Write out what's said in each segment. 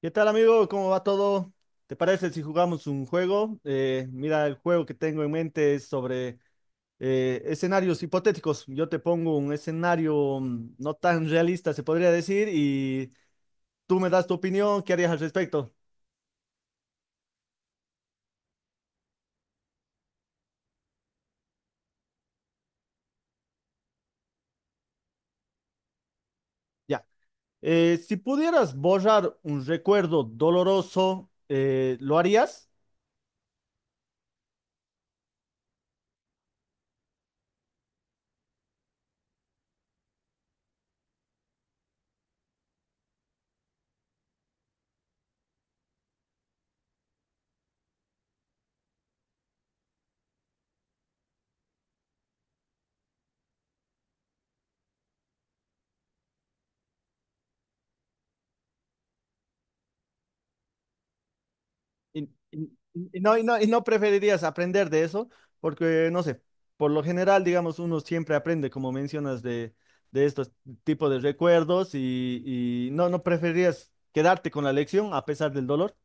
¿Qué tal, amigo? ¿Cómo va todo? ¿Te parece si jugamos un juego? Mira, el juego que tengo en mente es sobre escenarios hipotéticos. Yo te pongo un escenario no tan realista, se podría decir, y tú me das tu opinión. ¿Qué harías al respecto? Ya. Si pudieras borrar un recuerdo doloroso, ¿lo harías? Y, y- y no preferirías aprender de eso, porque no sé, por lo general, digamos, uno siempre aprende, como mencionas, de estos tipos de recuerdos, y no, no preferirías quedarte con la lección a pesar del dolor.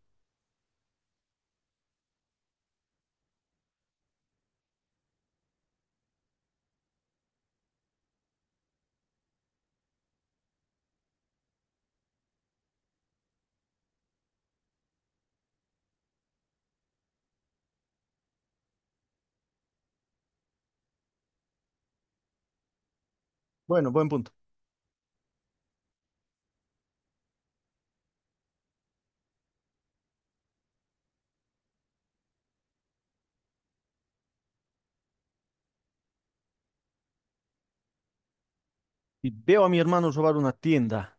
Bueno, buen punto. Y veo a mi hermano robar una tienda.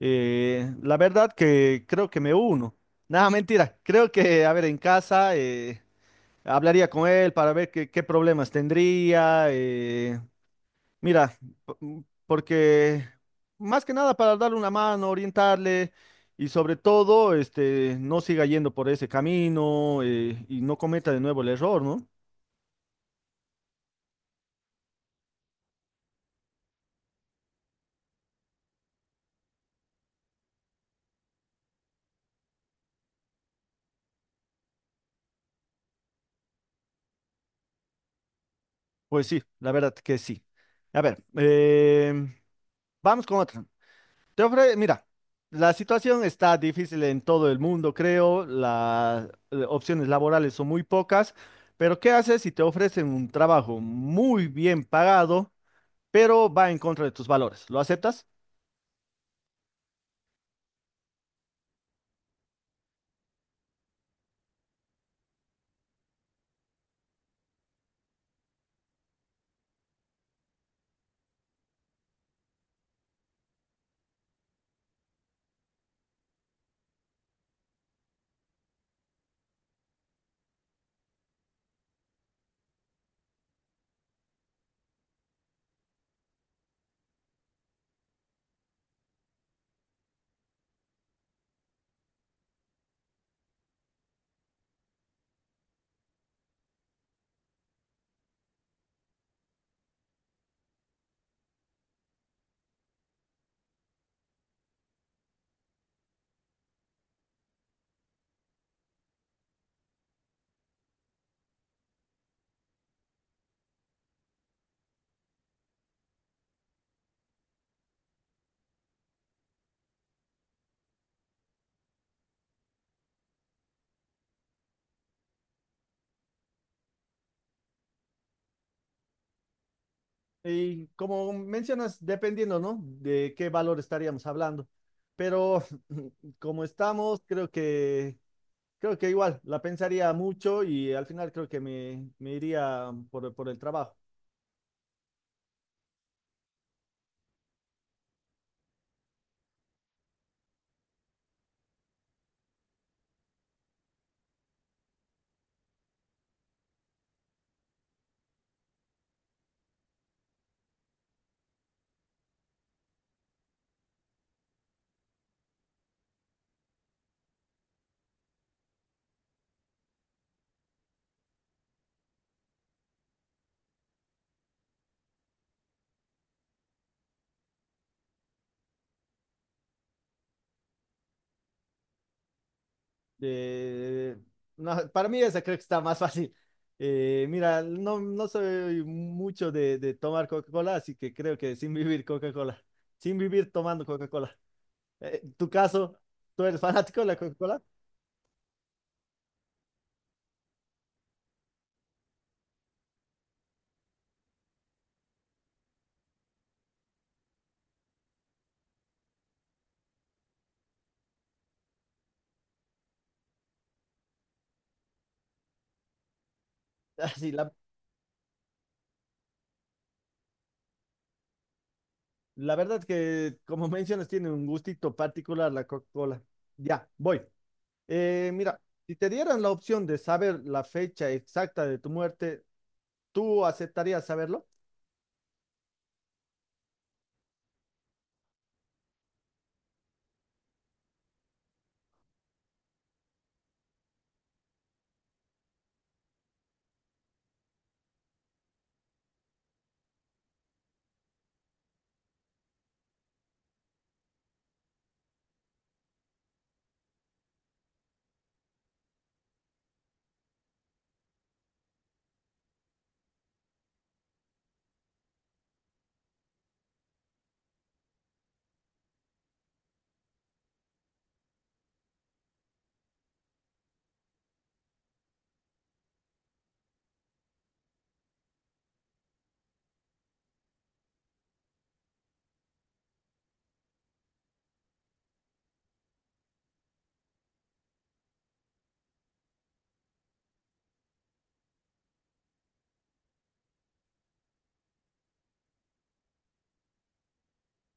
La verdad que creo que me uno. Nada, mentira. Creo que, a ver, en casa hablaría con él para ver qué, qué problemas tendría. Mira, Porque más que nada para darle una mano, orientarle y sobre todo, este, no siga yendo por ese camino, y no cometa de nuevo el error, ¿no? Pues sí, la verdad que sí. A ver, em, vamos con otra. Mira, la situación está difícil en todo el mundo, creo. Las opciones laborales son muy pocas, pero ¿qué haces si te ofrecen un trabajo muy bien pagado, pero va en contra de tus valores? ¿Lo aceptas? Y como mencionas, dependiendo, ¿no? De qué valor estaríamos hablando. Pero como estamos, creo que igual, la pensaría mucho y al final creo que me iría por el trabajo. Eh, no, para mí esa creo que está más fácil. Mira, no, no soy mucho de tomar Coca-Cola, así que creo que sin vivir tomando Coca-Cola. ¿Tu caso? ¿Tú eres fanático de la Coca-Cola? Así, la La verdad que, como mencionas, tiene un gustito particular la Coca-Cola. Ya, voy. Mira, si te dieran la opción de saber la fecha exacta de tu muerte, ¿tú aceptarías saberlo?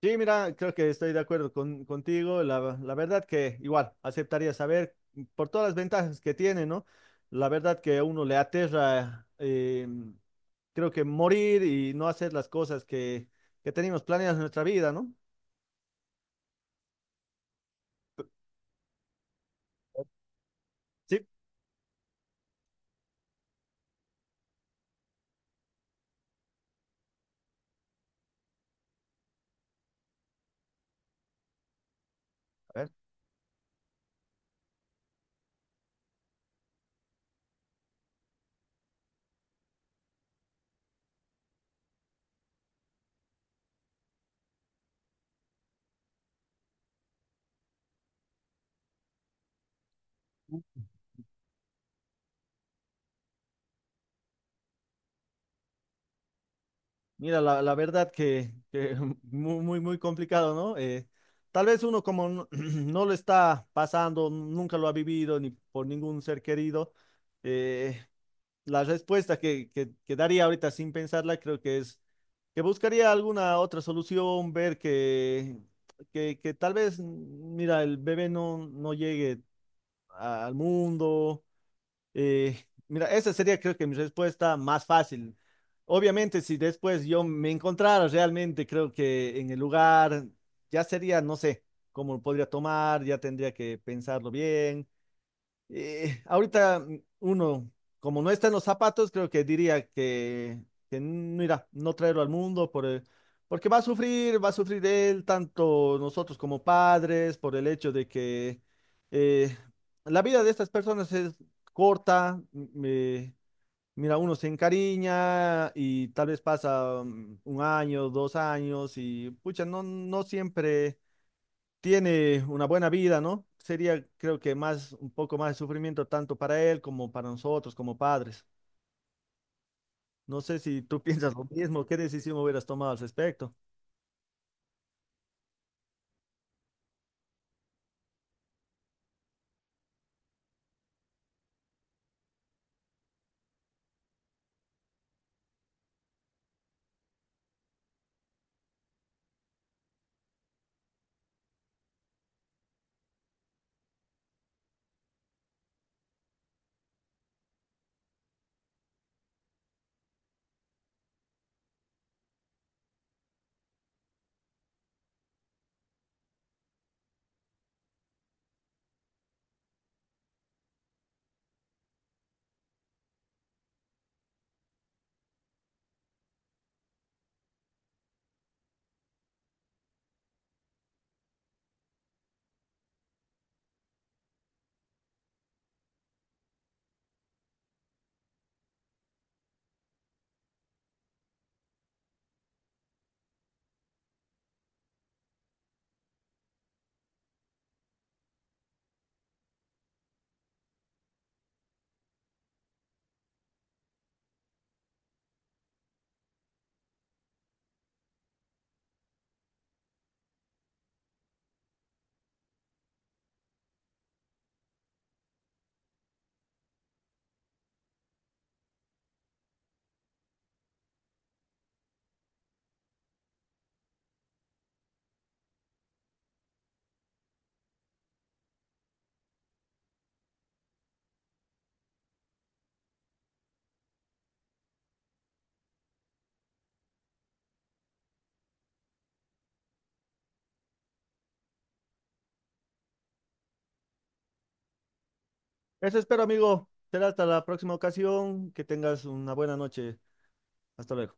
Sí, mira, creo que estoy de acuerdo contigo. La verdad que igual aceptaría saber por todas las ventajas que tiene, ¿no? La verdad que a uno le aterra, creo que morir y no hacer las cosas que tenemos planeadas en nuestra vida, ¿no? Sí. A ver. Mira, la verdad que muy, muy, muy complicado, ¿no? Tal vez uno como no, no lo está pasando, nunca lo ha vivido, ni por ningún ser querido. eh, la respuesta que daría ahorita sin pensarla creo que es que buscaría alguna otra solución. Ver que tal vez, mira, el bebé no, no llegue al mundo. Mira, esa sería creo que mi respuesta más fácil. Obviamente, si después yo me encontrara realmente, creo que en el lugar ya sería, no sé, cómo lo podría tomar, ya tendría que pensarlo bien. Ahorita uno, como no está en los zapatos, creo que diría que mira, no traerlo al mundo porque va a sufrir él, tanto nosotros como padres, por el hecho de que eh, la vida de estas personas es corta. Mira, uno se encariña y tal vez pasa un año, 2 años y pucha, no, no siempre tiene una buena vida, ¿no? Sería, creo que más, un poco más de sufrimiento tanto para él como para nosotros, como padres. No sé si tú piensas lo mismo, qué decisión hubieras tomado al respecto. Eso espero, amigo. Será hasta la próxima ocasión. Que tengas una buena noche. Hasta luego.